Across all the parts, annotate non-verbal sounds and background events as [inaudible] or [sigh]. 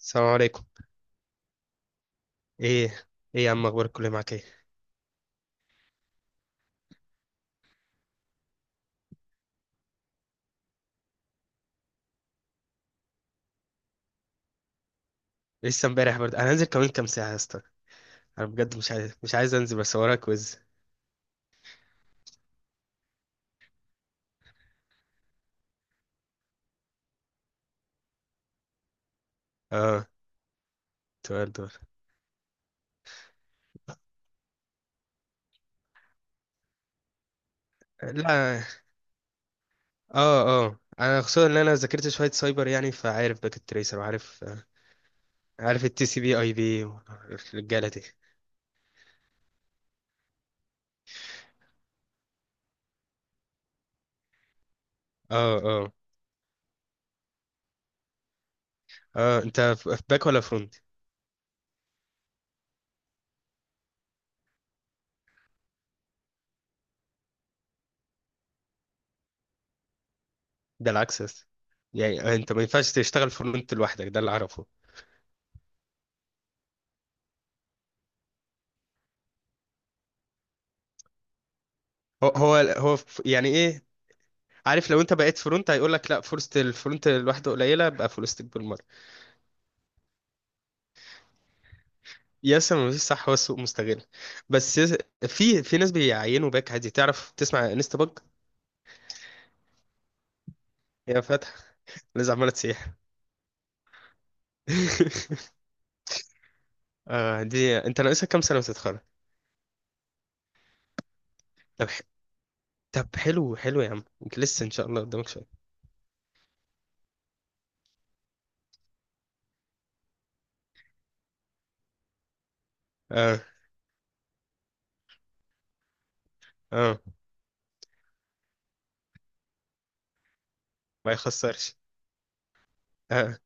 السلام عليكم. ايه ايه يا عم، اخبار الكليه معاك ايه؟ لسه امبارح برضه، انا هنزل كمان كام ساعه يا اسطى. انا بجد مش عايز انزل بس ورايا كويز. اه، تمام، دور. لا. اه اه، انا خصوصا ان انا ذاكرت شويه سايبر يعني فعارف باكيت تريسر وعارف عارف التي سي بي اي بي الرجاله دي. اه اه اه، انت في باك ولا فرونت؟ ده العكس يا اسطى، يعني انت ما ينفعش تشتغل فرونت لوحدك، ده اللي اعرفه. يعني ايه؟ عارف لو انت بقيت فرونت هيقول لك لا فرصة الفرونت لوحده قليلة يبقى فول ستاك بالمرة. يس، ما فيش صح، هو السوق مستغل بس يس. في ناس بيعينوا باك عادي، تعرف تسمع انستا باج. هي فاتحة، لسه عمالة تسيح. [laughs] آه دي، انت ناقصك كام سنة وتتخرج؟ طب ح- طب حلو حلو يا عم، انت لسه ان شاء الله قدامك شوية. اه اه. ما يخسرش. اه.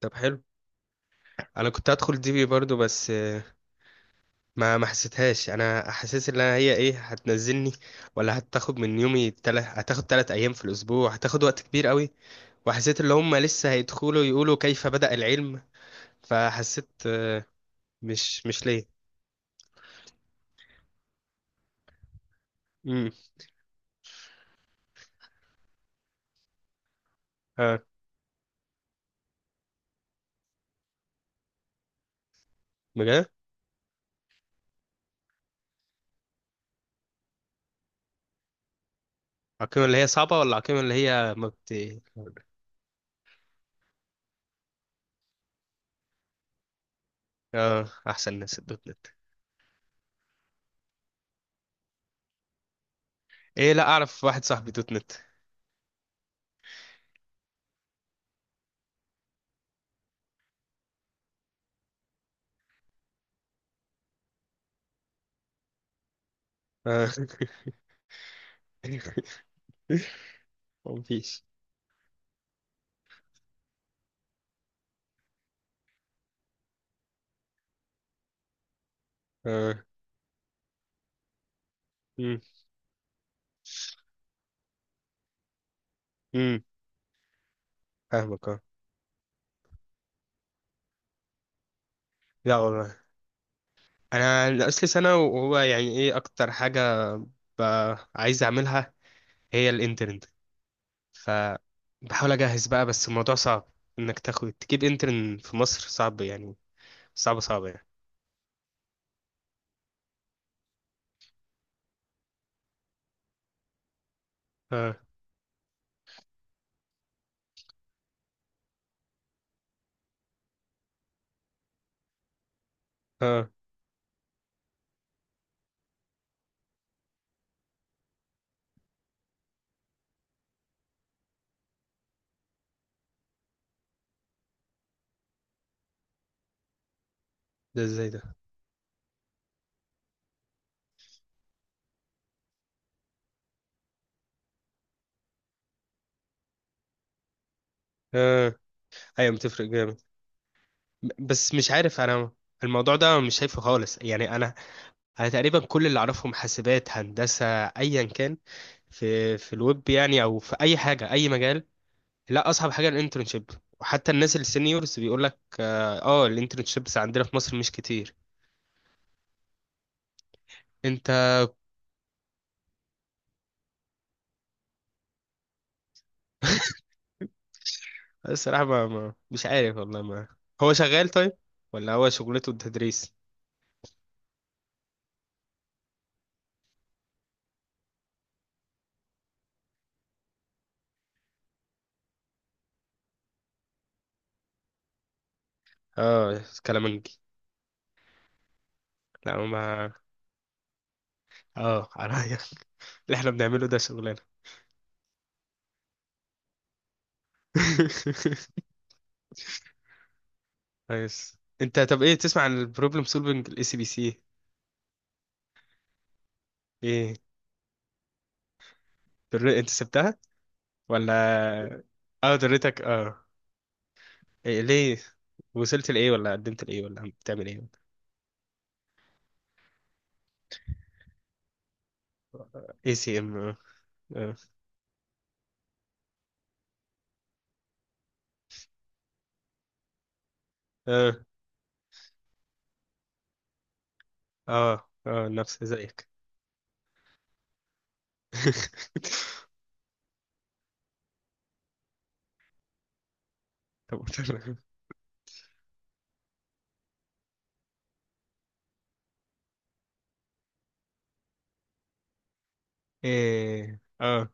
طب حلو. انا كنت هدخل دي بي برضو، بس ما حسيتهاش، انا حاسس ان أنا هي ايه هتنزلني ولا هتاخد من يومي، هتاخد تلات ايام في الاسبوع، هتاخد وقت كبير قوي. وحسيت ان هم لسه هيدخلوا يقولوا كيف بدأ العلم، فحسيت مش ليه. امم. اه، بجد. العقيمة اللي هي صعبة ولا العقيمة اللي هي ما بت؟ اه، احسن ناس الدوت نت. ايه، لا اعرف واحد صاحبي دوت نت. اه. [laughs] مفيش. اه. امم. امم. فاهمك، اه. لا والله، انا ناقص لي سنه وهو يعني ايه اكتر حاجه عايز اعملها هي الانترن. ف بحاول اجهز بقى بس الموضوع صعب، انك تاخد تجيب انترن في مصر صعب يعني، صعب صعب يعني. اه اه. ده ازاي ده؟ اه. ايوه، بتفرق جامد. بس مش عارف، انا الموضوع ده مش شايفه خالص يعني، انا تقريبا كل اللي اعرفهم حاسبات هندسه ايا كان في الويب يعني او في اي حاجه اي مجال. لا، اصعب حاجه الانترنشيب، وحتى الناس السينيورز بيقول لك اه الانترنشيبس عندنا في مصر مش كتير. انت الصراحه ما مش عارف والله ما. هو شغال طيب ولا هو شغلته التدريس؟ اه، كلامنجي. لا ما. اه عليا. [laughs] اللي احنا بنعمله ده شغلانه. [laughs] كويس انت، طب ايه تسمع عن البروبلم سولفنج الاي سي بي سي؟ ايه؟ انت سبتها ولا؟ اه، دريتك اه. إيه ليه؟ وصلت لايه ولا قدمت لايه ولا بتعمل ايه؟ اي سي ام. اه اه. اه اه نفس زيك. [laughs] طب تمام. ايه، اه.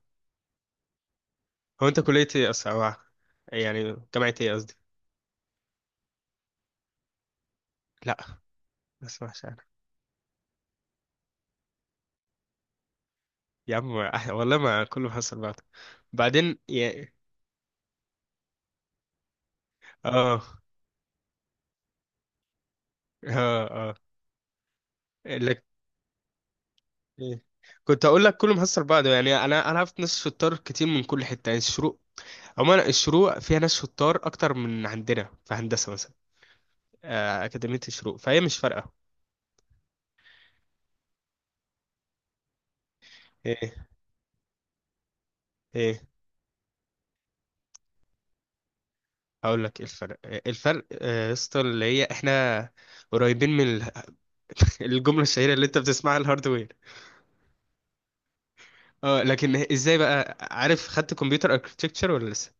هو انت كلية ايه اصلا، أو يعني جامعة ايه قصدي؟ لا، ما اسمعش انا. يا عم [laughs] والله ما كله حصل بعض. بعدين يا... اه اه اه لك. إيه؟ كنت اقول لك كله محصل بعضه يعني، انا انا عرفت ناس شطار كتير من كل حته، يعني الشروق، عموما الشروق فيها ناس شطار اكتر من عندنا في هندسه مثلا، اكاديميه الشروق، فهي مش فارقه. ايه، ايه. هقول لك ايه الفرق، إيه الفرق يا اسطى، اللي هي احنا قريبين من ال-. [laughs] الجمله الشهيره اللي انت بتسمعها، الهاردوير. اه، لكن ازاي بقى؟ عارف خدت كمبيوتر اركتكتشر ولا لسه؟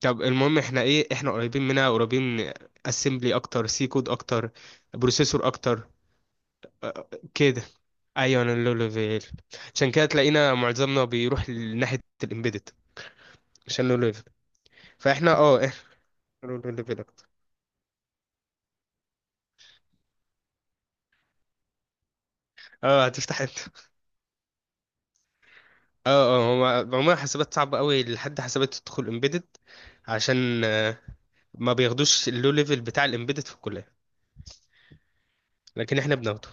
طب المهم احنا ايه؟ احنا قريبين منها، قريبين من اسمبلي اكتر، سي كود اكتر، بروسيسور اكتر. كده. ايوه، انا اللو ليفل، عشان كده تلاقينا معظمنا بيروح لناحيه الامبيدد، عشان لو ليفل. فاحنا اه، احنا لو ليفل اكتر. اه، هتفتح انت. اه اه. هو عموما حسابات صعبة قوي، لحد حسابات تدخل امبيدد، عشان ما بياخدوش اللو ليفل بتاع الامبيدد في الكلية. لكن احنا بناخده.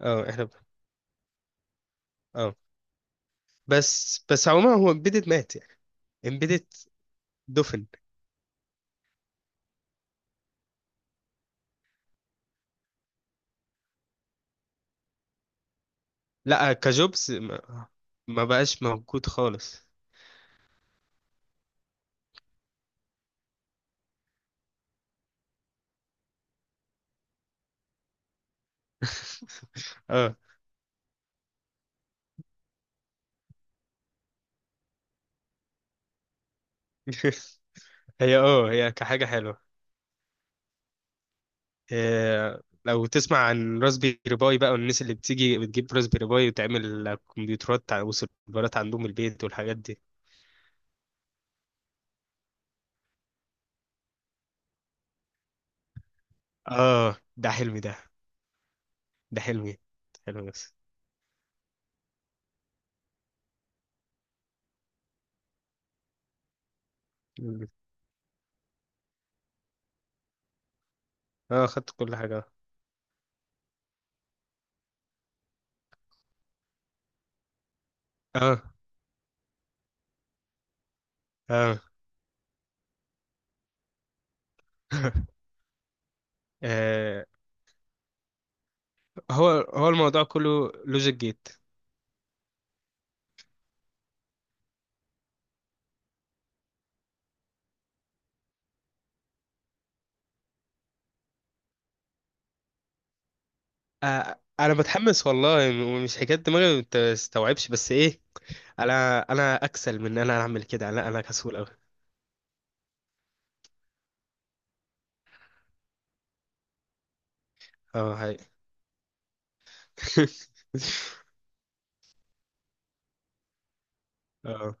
اه احنا بناخده. اه. بس بس عموما هو امبيدد مات يعني، امبيدد دفن. لا كجوبز ما بقاش موجود خالص. اه [laughs] هي اه، هي كحاجة حلوة. لو تسمع عن راسبيري باي بقى، والناس اللي بتيجي بتجيب راسبيري باي وتعمل كمبيوترات وسيرفرات عندهم البيت والحاجات دي. اه، ده حلمي ده. ده حلمي، حلمي بس. مم. اه خدت كل حاجة. اه اه. [laughs] آه، هو الموضوع كله لوجيك جيت. آه، انا متحمس والله. مش حكاية دماغي ما تستوعبش، بس ايه، انا اكسل من ان انا اعمل كده، لا انا كسول قوي. اه هاي. [laughs] اه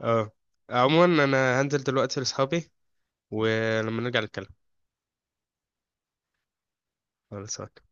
اه، عموما انا هنزل دلوقتي لاصحابي، ولما نرجع نتكلم. خلاص، أوكي.